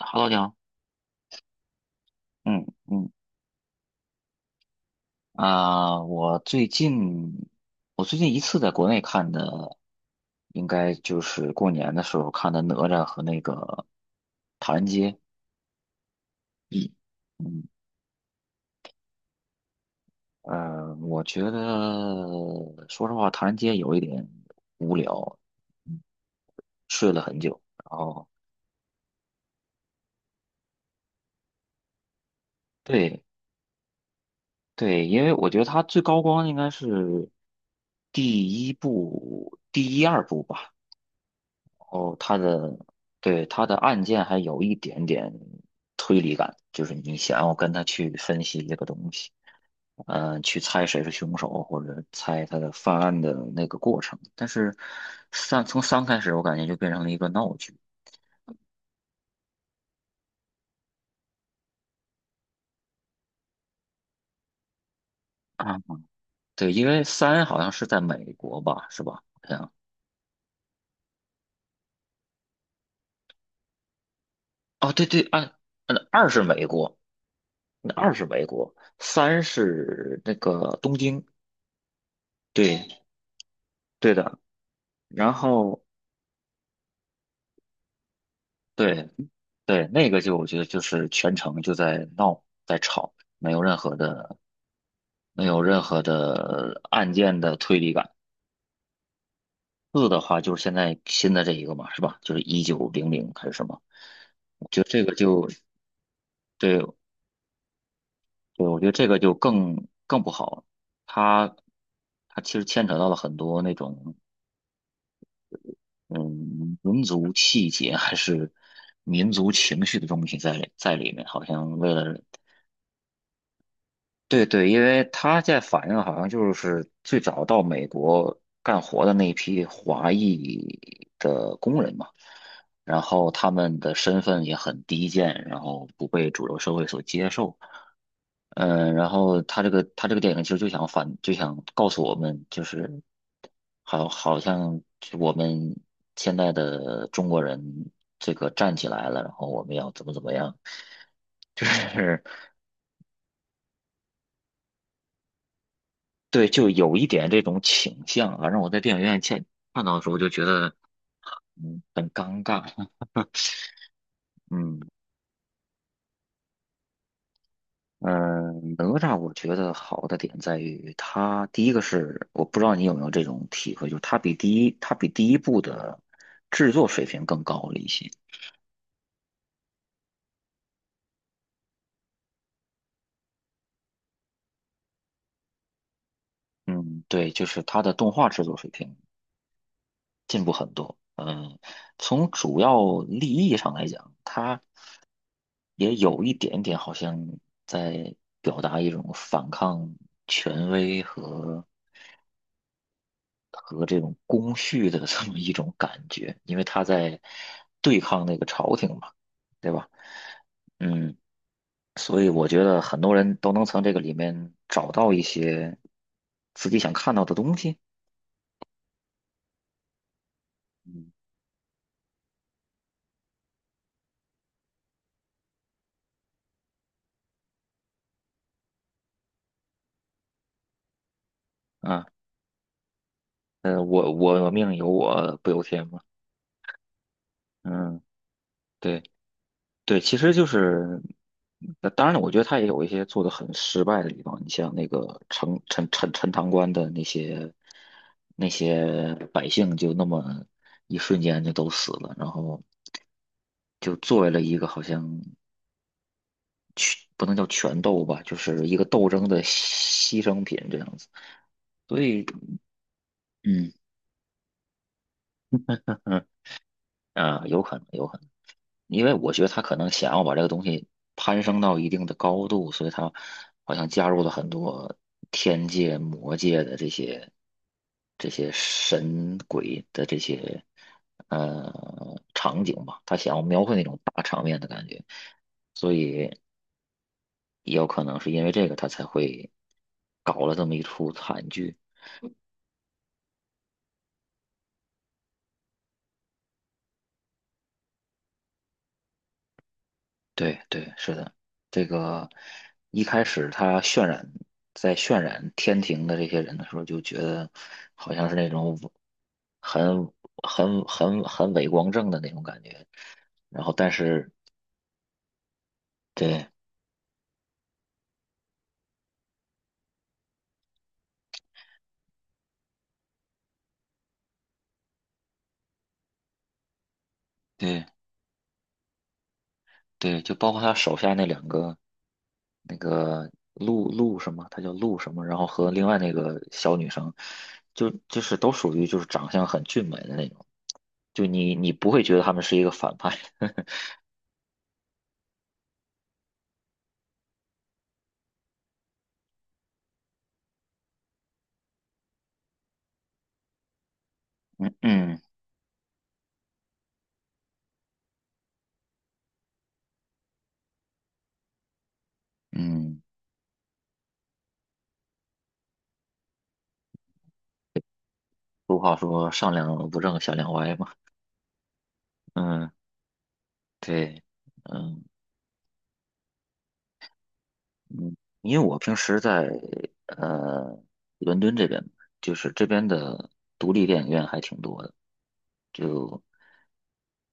Hello，你好。嗯嗯。啊，我最近一次在国内看的，应该就是过年的时候看的《哪吒》和那个《唐人街》。嗯。我觉得说实话，《唐人街》有一点无聊。嗯睡了很久。然后。对对，因为我觉得它最高光应该是第一二部吧。哦，对，他的案件还有一点点推理感，就是你想要跟他去分析这个东西，去猜谁是凶手，或者猜他的犯案的那个过程。但是从三开始，我感觉就变成了一个闹剧啊。对，因为三好像是在美国吧，是吧？好像。哦，对对，二。二是美国，那二是美国，三是那个东京，对。对的。然后。对，对，那个就我觉得就是全程就在闹，在吵，没有任何的没有任何的案件的推理感。四的话就是现在新的这一个嘛，是吧？就是1900还是什么？我觉得这个就对对，我觉得这个就更不好。它它其实牵扯到了很多那种嗯民族气节还是民族情绪的东西在里面，好像为了。对对，因为他在反映好像就是最早到美国干活的那一批华裔的工人嘛，然后他们的身份也很低贱，然后不被主流社会所接受。嗯，然后他这个电影其实就想就想告诉我们，就是好像就我们现在的中国人这个站起来了，然后我们要怎么怎么样。就是对，就有一点这种倾向啊。反正我在电影院看到的时候，就觉得很尴尬。嗯嗯。哪吒我觉得好的点在于它，第一个是我不知道你有没有这种体会，就是它比第一部的制作水平更高了一些。嗯，对，就是它的动画制作水平进步很多。嗯，从主要立意上来讲，也有一点点好像在表达一种反抗权威和这种公序的这么一种感觉，因为他在对抗那个朝廷嘛，对吧？嗯，所以我觉得很多人都能从这个里面找到一些自己想看到的东西。嗯。啊，我命由我不由天嘛。嗯，对。对，其实就是，那当然了，我觉得他也有一些做的很失败的地方。你像那个陈塘关的那些百姓，就那么一瞬间就都死了，然后就作为了一个好像不能叫权斗吧，就是一个斗争的牺牲品这样子。所以。嗯嗯。 啊，有可能，有可能。因为我觉得他可能想要把这个东西攀升到一定的高度，所以他好像加入了很多天界、魔界的这些神鬼的这些呃场景吧，他想要描绘那种大场面的感觉，所以也有可能是因为这个他才会搞了这么一出惨剧。对对，是的，这个一开始他在渲染天庭的这些人的时候，就觉得好像是那种很很伪光正的那种感觉。然后，但是对对对，就包括他手下那两个那个陆什么，他叫陆什么，然后和另外那个小女生，就是都属于就是长相很俊美的那种，就你不会觉得他们是一个反派。嗯嗯。俗话说上梁不正下梁歪嘛。嗯，对。嗯，因为我平时在呃伦敦这边，就是这边的独立电影院还挺多的，就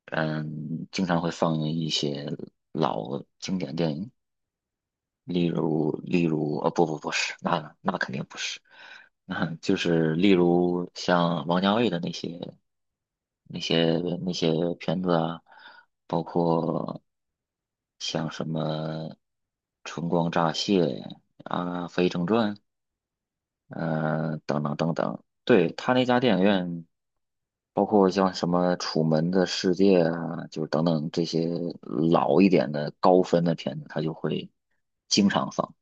嗯经常会放映一些老经典电影，例如不不不是，那肯定不是，那就是例如像王家卫的那些。那些那些片子啊，包括像什么《春光乍泄》啊，《非正传》等等等等。对，他那家电影院，包括像什么《楚门的世界》啊，就是等等这些老一点的高分的片子，他就会经常放。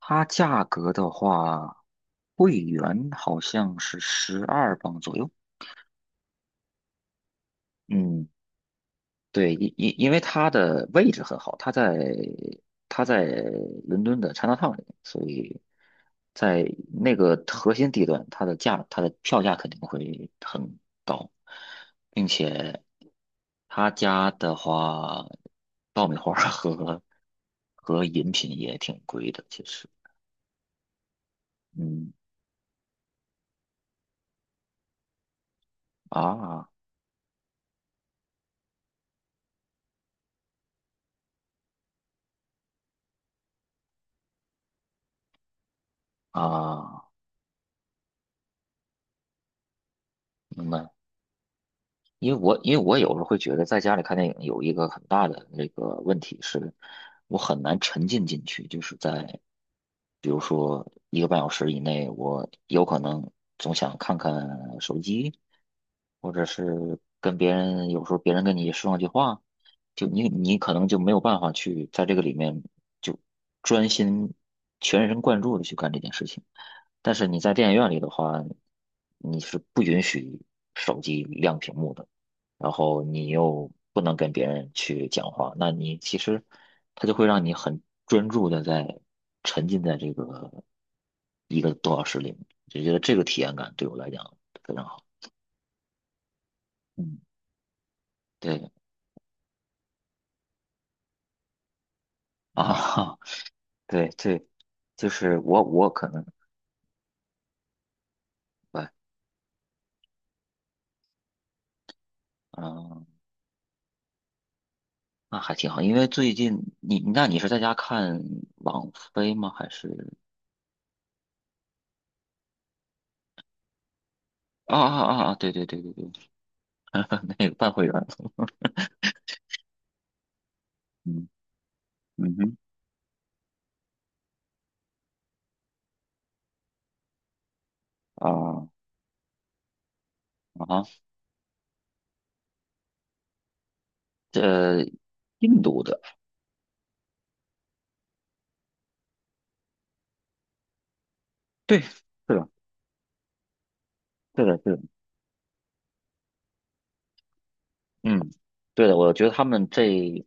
它价格的话，会员好像是12磅左右。嗯，对，因为它的位置很好，它在伦敦的 Chinatown 里面，所以在那个核心地段，它的票价肯定会很高，并且他家的话，爆米花儿和饮品也挺贵的，其实。嗯啊啊，明白。因为我有时候会觉得在家里看电影有一个很大的那个问题是，我很难沉浸进去，就是在比如说一个半小时以内，我有可能总想看看手机，或者是跟别人有时候别人跟你说上句话，就你可能就没有办法去在这个里面就专心全神贯注的去干这件事情。但是你在电影院里的话，你是不允许手机亮屏幕的。然后你又不能跟别人去讲话，那你其实它就会让你很专注的在沉浸在这个一个多小时里面，就觉得这个体验感对我来讲非常好。嗯，对啊。对对，就是我可能对。嗯，那还挺好，因为最近那你是在家看网飞吗？还是啊啊啊啊，对对对对对，那个办会员。嗯。嗯哼。啊。啊哈。这印度的。对，是的，对的，对的，嗯，对的，我觉得他们这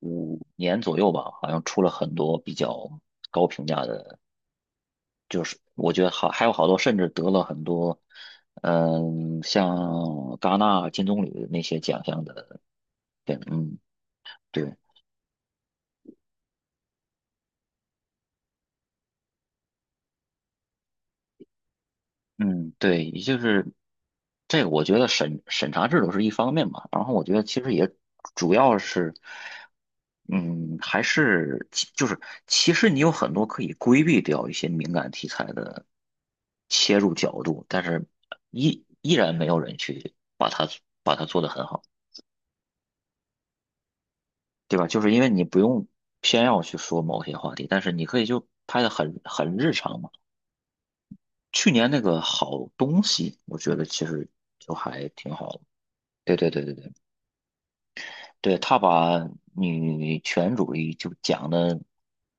5年左右吧，好像出了很多比较高评价的，我觉得好，还有好多甚至得了很多，嗯，像戛纳金棕榈那些奖项的片。嗯，对。嗯，对，也就是这个，我觉得审查制度是一方面嘛，然后我觉得其实也主要是，嗯，还是就是其实你有很多可以规避掉一些敏感题材的切入角度，但是依然没有人去把它做得很好，对吧？就是因为你不用偏要去说某些话题，但是你可以就拍得很日常嘛。去年那个好东西，我觉得其实就还挺好的。对对对对对。对，他把女权主义就讲的，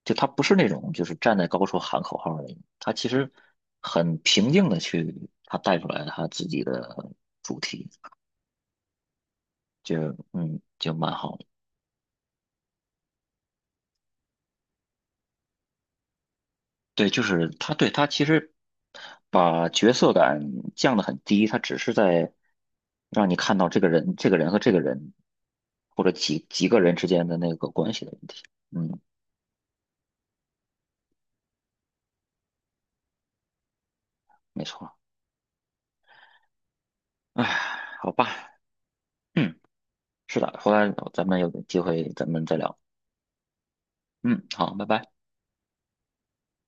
就他不是那种就是站在高处喊口号的那种，他其实很平静的去他带出来他自己的主题，就就蛮好的。对，就是他对他其实把角色感降得很低，他只是在让你看到这个人、这个人和这个人或者几个人之间的那个关系的问题。嗯，没错。唉，好吧。嗯。是的，回来哦咱们有机会咱们再聊。嗯，好，拜拜。